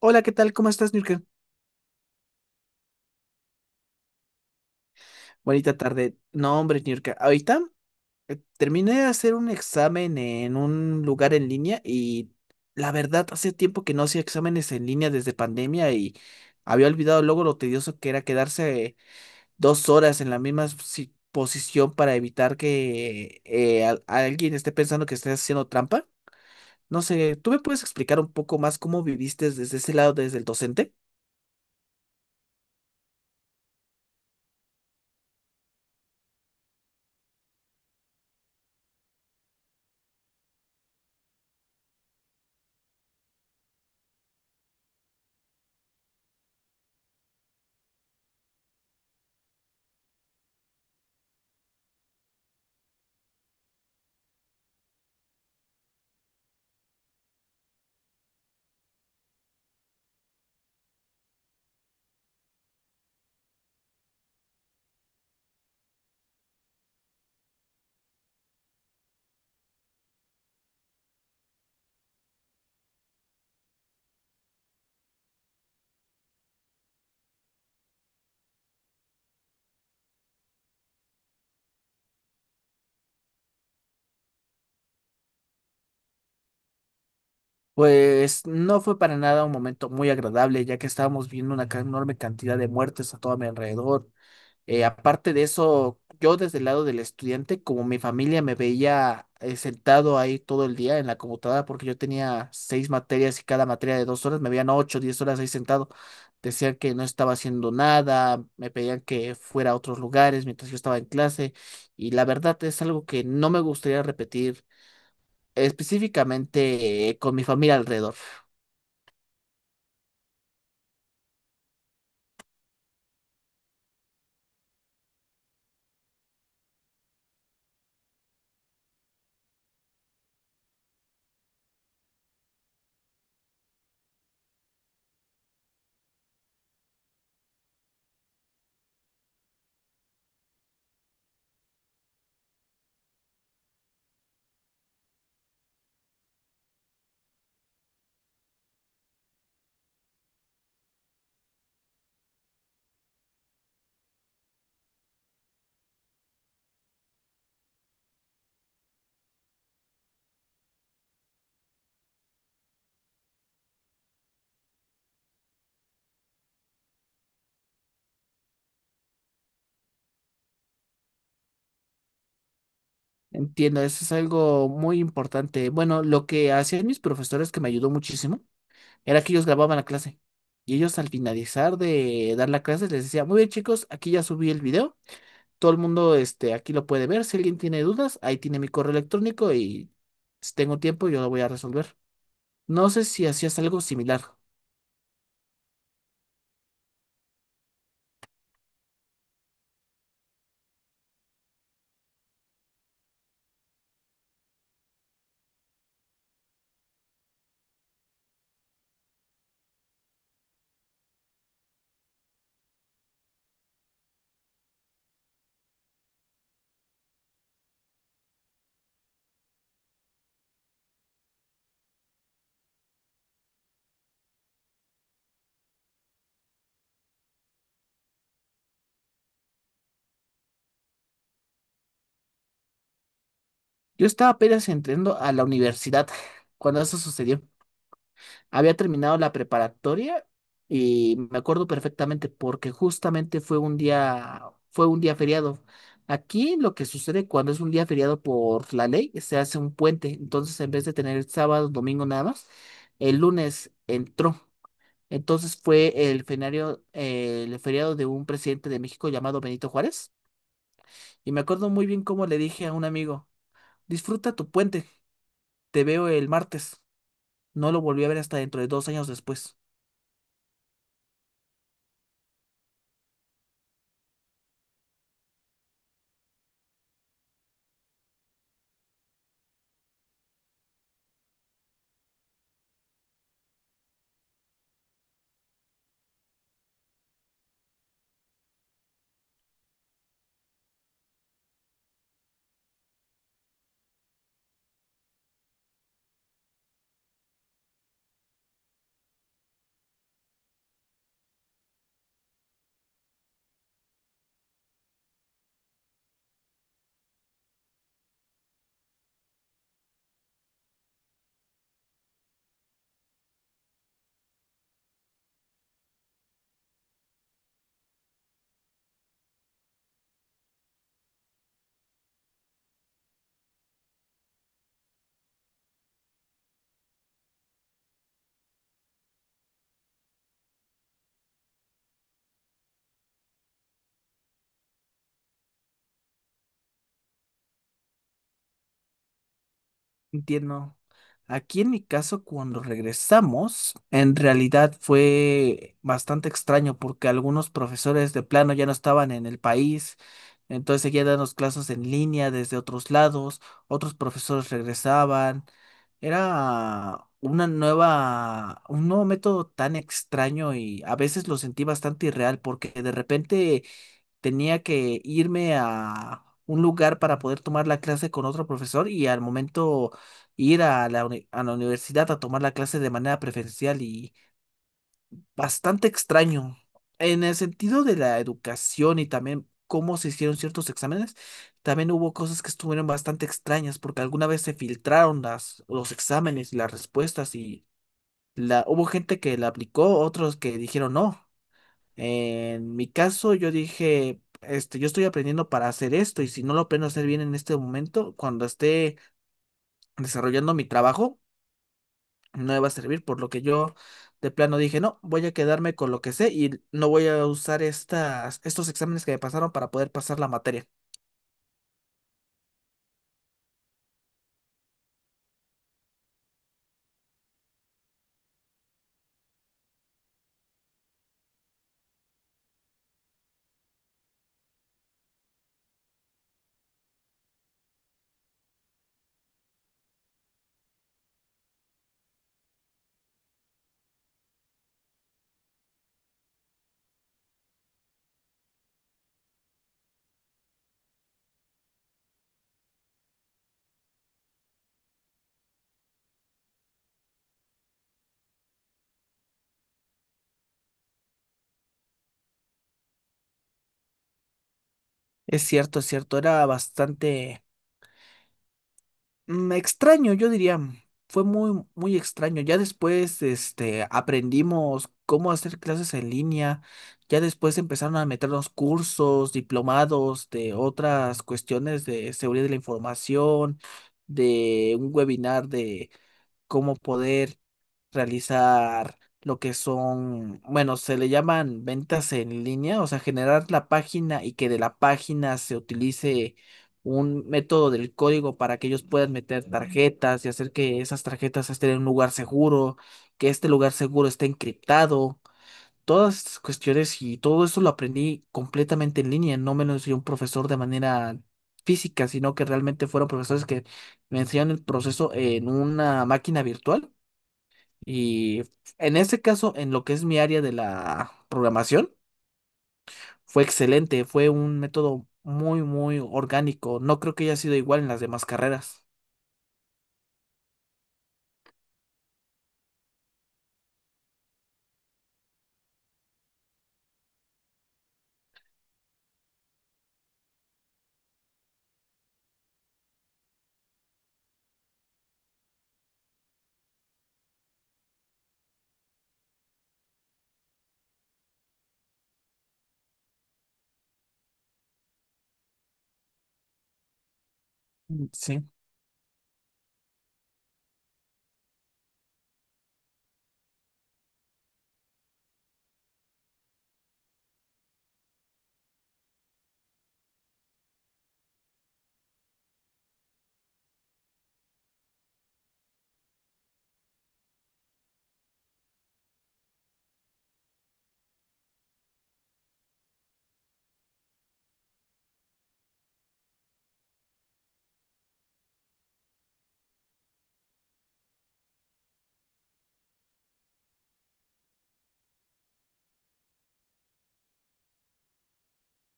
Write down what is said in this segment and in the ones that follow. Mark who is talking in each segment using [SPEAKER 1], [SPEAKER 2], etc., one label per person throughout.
[SPEAKER 1] Hola, ¿qué tal? ¿Cómo estás, Nurka? Bonita tarde. No, hombre, Nurka. Ahorita terminé de hacer un examen en un lugar en línea y la verdad, hace tiempo que no hacía exámenes en línea desde pandemia y había olvidado luego lo tedioso que era quedarse 2 horas en la misma posición para evitar que alguien esté pensando que estés haciendo trampa. No sé, ¿tú me puedes explicar un poco más cómo viviste desde ese lado, desde el docente? Pues no fue para nada un momento muy agradable, ya que estábamos viendo una enorme cantidad de muertes a todo mi alrededor. Aparte de eso, yo desde el lado del estudiante, como mi familia me veía sentado ahí todo el día en la computadora, porque yo tenía seis materias y cada materia de 2 horas, me veían 8, 10 horas ahí sentado. Decían que no estaba haciendo nada, me pedían que fuera a otros lugares mientras yo estaba en clase, y la verdad es algo que no me gustaría repetir, específicamente con mi familia alrededor. Entiendo, eso es algo muy importante. Bueno, lo que hacían mis profesores que me ayudó muchísimo era que ellos grababan la clase y ellos al finalizar de dar la clase les decía, muy bien chicos, aquí ya subí el video, todo el mundo este, aquí lo puede ver, si alguien tiene dudas, ahí tiene mi correo electrónico y si tengo tiempo yo lo voy a resolver. No sé si hacías algo similar. Yo estaba apenas entrando a la universidad cuando eso sucedió. Había terminado la preparatoria y me acuerdo perfectamente porque justamente fue un día feriado. Aquí lo que sucede cuando es un día feriado por la ley, se hace un puente. Entonces, en vez de tener el sábado, domingo nada más, el lunes entró. Entonces fue el el feriado de un presidente de México llamado Benito Juárez. Y me acuerdo muy bien cómo le dije a un amigo, disfruta tu puente, te veo el martes. No lo volví a ver hasta dentro de 2 años después. Entiendo. Aquí en mi caso, cuando regresamos, en realidad fue bastante extraño porque algunos profesores de plano ya no estaban en el país, entonces seguían dando clases en línea desde otros lados, otros profesores regresaban. Era una nueva, un nuevo método tan extraño y a veces lo sentí bastante irreal porque de repente tenía que irme a un lugar para poder tomar la clase con otro profesor y al momento ir a a la universidad a tomar la clase de manera preferencial y bastante extraño. En el sentido de la educación y también cómo se hicieron ciertos exámenes, también hubo cosas que estuvieron bastante extrañas porque alguna vez se filtraron las, los exámenes y las respuestas y la, hubo gente que la aplicó, otros que dijeron no. En mi caso, yo dije, este, yo estoy aprendiendo para hacer esto y si no lo aprendo a hacer bien en este momento, cuando esté desarrollando mi trabajo, no me va a servir, por lo que yo de plano dije, no, voy a quedarme con lo que sé y no voy a usar estos exámenes que me pasaron para poder pasar la materia. Es cierto, era bastante extraño, yo diría, fue muy, muy extraño. Ya después, este, aprendimos cómo hacer clases en línea. Ya después empezaron a meternos cursos, diplomados de otras cuestiones de seguridad de la información, de un webinar de cómo poder realizar lo que son, bueno, se le llaman ventas en línea, o sea, generar la página y que de la página se utilice un método del código para que ellos puedan meter tarjetas y hacer que esas tarjetas estén en un lugar seguro, que este lugar seguro esté encriptado. Todas estas cuestiones y todo eso lo aprendí completamente en línea, no me lo enseñó un profesor de manera física, sino que realmente fueron profesores que me enseñaron el proceso en una máquina virtual y en este caso, en lo que es mi área de la programación, fue excelente, fue un método muy, muy orgánico. No creo que haya sido igual en las demás carreras. Mm, sí.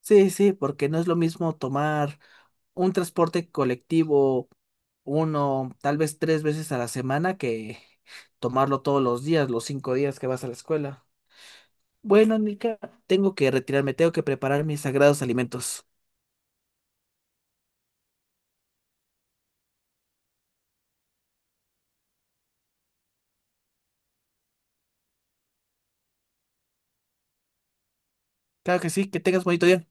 [SPEAKER 1] Sí, sí, porque no es lo mismo tomar un transporte colectivo uno, tal vez tres veces a la semana que tomarlo todos los días, los 5 días que vas a la escuela. Bueno, Nica, tengo que retirarme, tengo que preparar mis sagrados alimentos. Claro que sí, que tengas bonito día.